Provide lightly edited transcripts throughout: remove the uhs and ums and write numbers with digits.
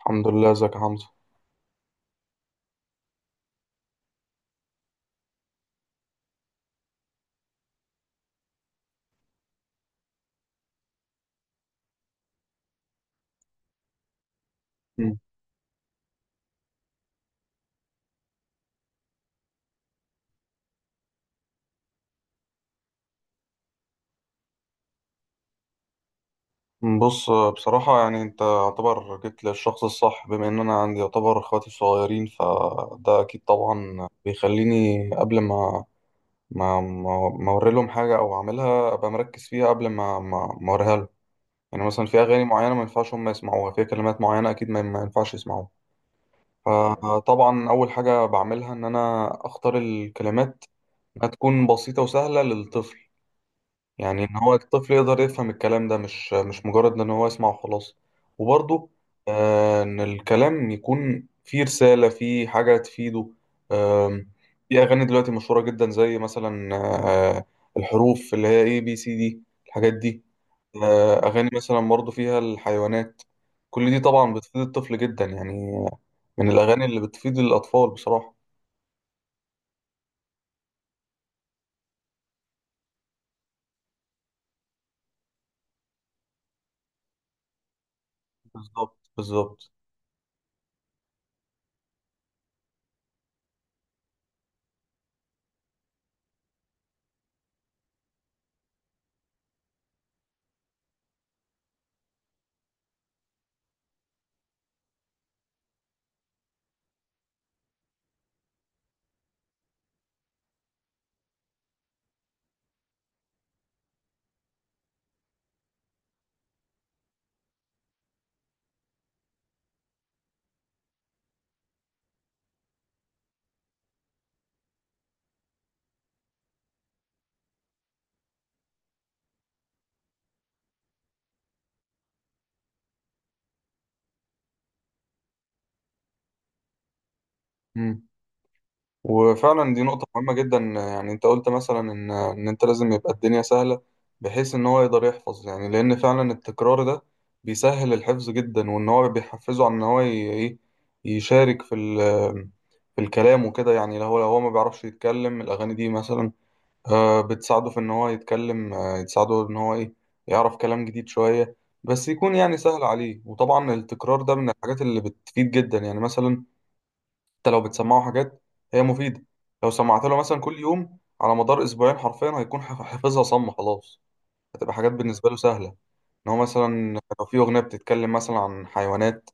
الحمد لله، ازيك يا حمزة؟ بص، بصراحة يعني انت يعتبر جيت للشخص الصح بما ان انا عندي يعتبر اخواتي صغيرين، فده اكيد طبعا بيخليني قبل ما ما اوري لهم حاجة او اعملها ابقى مركز فيها قبل ما ما اوريها لهم. يعني مثلا في اغاني معينة ما ينفعش هم يسمعوها، في كلمات معينة اكيد ما ينفعش يسمعوها. فطبعا اول حاجة بعملها ان انا اختار الكلمات، انها تكون بسيطة وسهلة للطفل. يعني ان هو الطفل يقدر يفهم الكلام ده، مش مجرد ان هو يسمع وخلاص. وبرضه ان الكلام يكون فيه رسالة، فيه حاجة تفيده. آم، في اغاني دلوقتي مشهورة جدا زي مثلا الحروف اللي هي اي بي سي دي، الحاجات دي. اغاني مثلا برضه فيها الحيوانات، كل دي طبعا بتفيد الطفل جدا يعني، من الاغاني اللي بتفيد الاطفال بصراحة. بالظبط بالظبط. مم. وفعلا دي نقطة مهمة جدا، يعني انت قلت مثلا ان انت لازم يبقى الدنيا سهلة بحيث ان هو يقدر يحفظ. يعني لان فعلا التكرار ده بيسهل الحفظ جدا، وان هو بيحفزه على ان هو ايه، يشارك في في الكلام وكده. يعني لو هو لو هو ما بيعرفش يتكلم، الاغاني دي مثلا بتساعده في ان هو يتكلم، تساعده ان هو ايه، يعرف كلام جديد شوية بس يكون يعني سهل عليه. وطبعا التكرار ده من الحاجات اللي بتفيد جدا، يعني مثلا حتى لو بتسمعه حاجات هي مفيدة، لو سمعت له مثلا كل يوم على مدار أسبوعين حرفيا هيكون حافظها صم خلاص، هتبقى حاجات بالنسبة له سهلة. إن هو مثلا لو في أغنية بتتكلم مثلا عن حيوانات،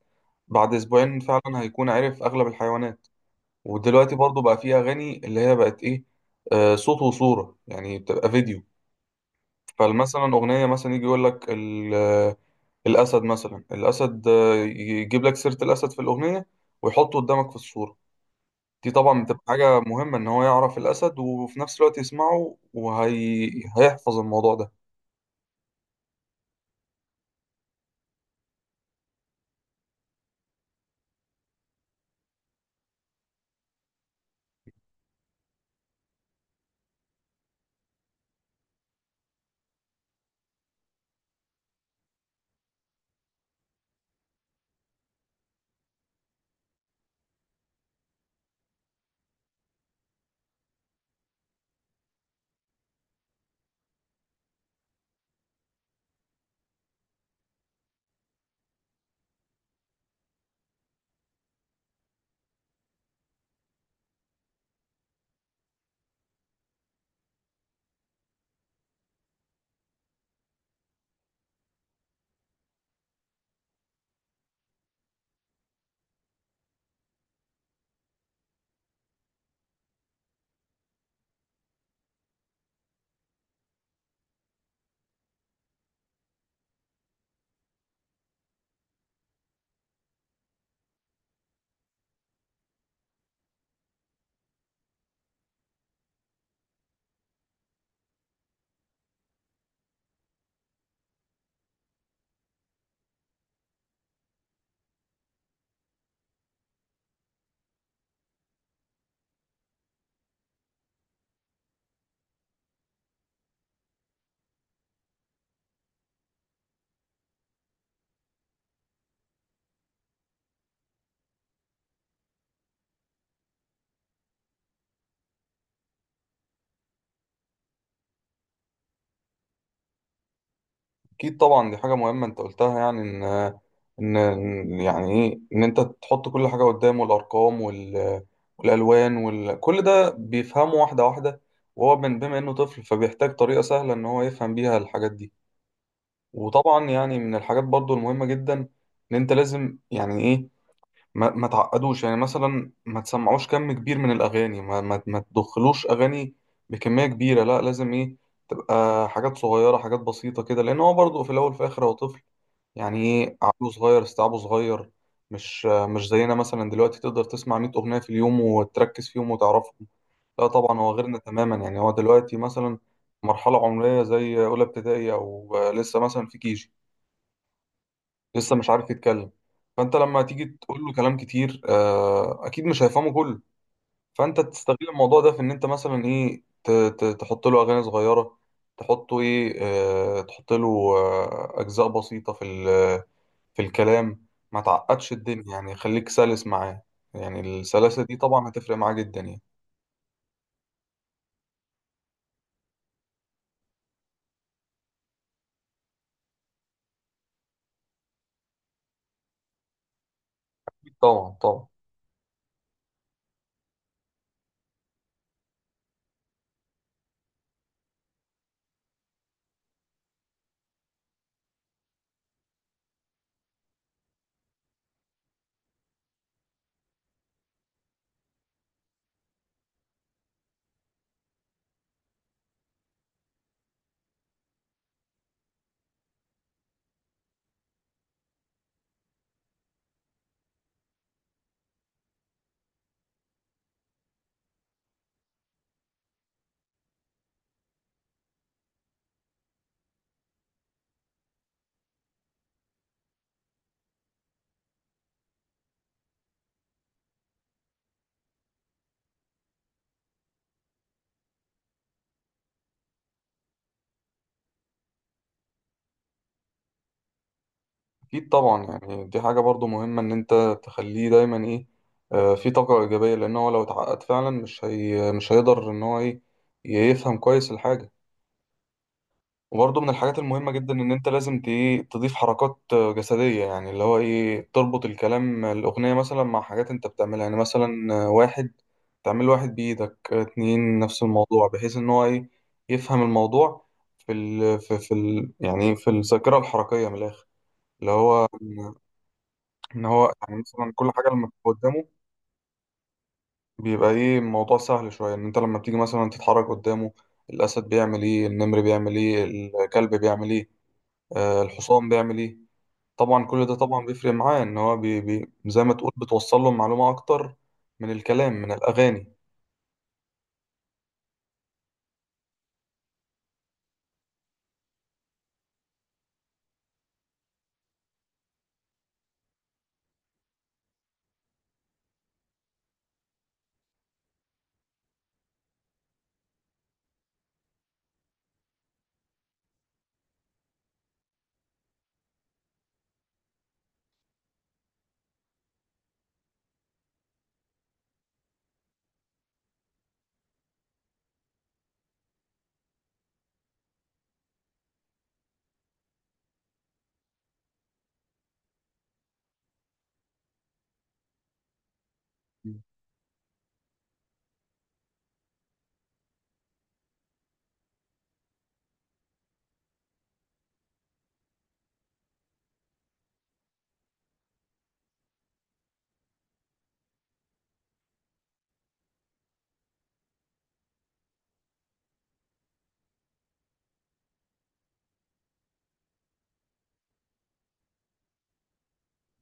بعد أسبوعين فعلا هيكون عارف أغلب الحيوانات. ودلوقتي برضو بقى في أغاني اللي هي بقت إيه، آه، صوت وصورة، يعني بتبقى فيديو. فمثلا أغنية مثلا يجي يقول لك الأسد، مثلا الأسد يجيب لك سيرة الأسد في الأغنية، ويحطه قدامك في الصورة. دي طبعا بتبقى حاجة مهمة إن هو يعرف الأسد، وفي نفس الوقت يسمعه وهي... هيحفظ الموضوع ده. أكيد طبعا دي حاجة مهمة أنت قلتها، يعني إن إن يعني إيه، إن أنت تحط كل حاجة قدامه، الأرقام وال... والألوان وال... كل ده بيفهمه واحدة واحدة. وهو من بما إنه طفل فبيحتاج طريقة سهلة إن هو يفهم بيها الحاجات دي. وطبعا يعني من الحاجات برضو المهمة جدا إن أنت لازم يعني إيه ما تعقدوش. يعني مثلا ما تسمعوش كم كبير من الأغاني، ما تدخلوش أغاني بكمية كبيرة. لا لازم إيه، تبقى حاجات صغيرة، حاجات بسيطة كده، لأن هو برضه في الأول في الآخر هو طفل. يعني إيه، عقله صغير استيعابه صغير، مش زينا مثلا دلوقتي تقدر تسمع 100 أغنية في اليوم وتركز فيهم وتعرفهم. لا طبعا هو غيرنا تماما، يعني هو دلوقتي مثلا مرحلة عمرية زي أولى ابتدائي أو لسه مثلا في كيجي، لسه مش عارف يتكلم. فانت لما تيجي تقول له كلام كتير اكيد مش هيفهمه كله. فانت تستغل الموضوع ده في ان انت مثلا ايه تحط له اغاني صغيره، تحطه ايه، تحط له اجزاء بسيطه في في الكلام. ما تعقدش الدنيا، يعني خليك سلس معاه. يعني السلاسه دي طبعا هتفرق معاه جدا يعني. طبعا. أكيد طبعا، يعني دي حاجة برضو مهمة إن أنت تخليه دايما إيه، في طاقة إيجابية، لأن هو لو اتعقد فعلا مش مش هيقدر إن هو إيه، يفهم كويس الحاجة. وبرضو من الحاجات المهمة جدا إن أنت لازم إيه، تضيف حركات جسدية، يعني اللي هو إيه، تربط الكلام الأغنية مثلا مع حاجات أنت بتعملها. يعني مثلا واحد، تعمل واحد بإيدك، اتنين نفس الموضوع، بحيث إن هو إيه، يفهم الموضوع في ال في في ال يعني في الذاكرة الحركية من الآخر. اللي هو ان هو يعني مثلا كل حاجه لما بتبقى قدامه بيبقى ايه الموضوع سهل شويه. ان انت لما بتيجي مثلا تتحرك قدامه، الاسد بيعمل ايه، النمر بيعمل ايه، الكلب بيعمل ايه، آه الحصان بيعمل ايه. طبعا كل ده طبعا بيفرق معاه، ان هو بي بي زي ما تقول بتوصل له معلومه اكتر من الكلام من الاغاني.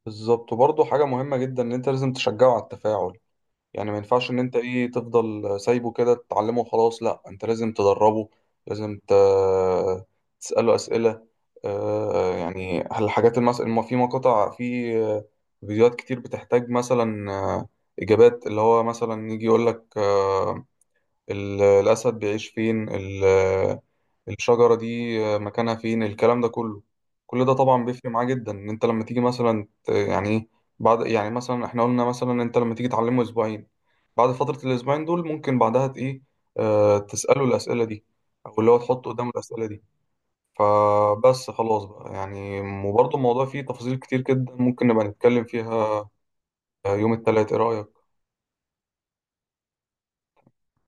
بالظبط. وبرضه حاجه مهمه جدا ان انت لازم تشجعه على التفاعل. يعني ما ينفعش ان انت ايه تفضل سايبه كده تتعلمه وخلاص، لا انت لازم تدربه، لازم ت... تسأله أسئلة. يعني الحاجات في مقاطع في فيديوهات كتير بتحتاج مثلا إجابات، اللي هو مثلا يجي يقول لك ال... الأسد بيعيش فين، الشجرة دي مكانها فين، الكلام ده كله. كل ده طبعا بيفرق معاه جدا، ان انت لما تيجي مثلا يعني إيه، بعد يعني مثلا احنا قلنا مثلا انت لما تيجي تعلمه اسبوعين، بعد فترة الأسبوعين دول ممكن بعدها إيه، آه تسأله الأسئلة دي، أو اللي هو تحط قدامه الأسئلة دي. فبس خلاص بقى يعني. وبرضه الموضوع فيه تفاصيل كتير جدا ممكن نبقى نتكلم فيها يوم التلات، إيه رأيك؟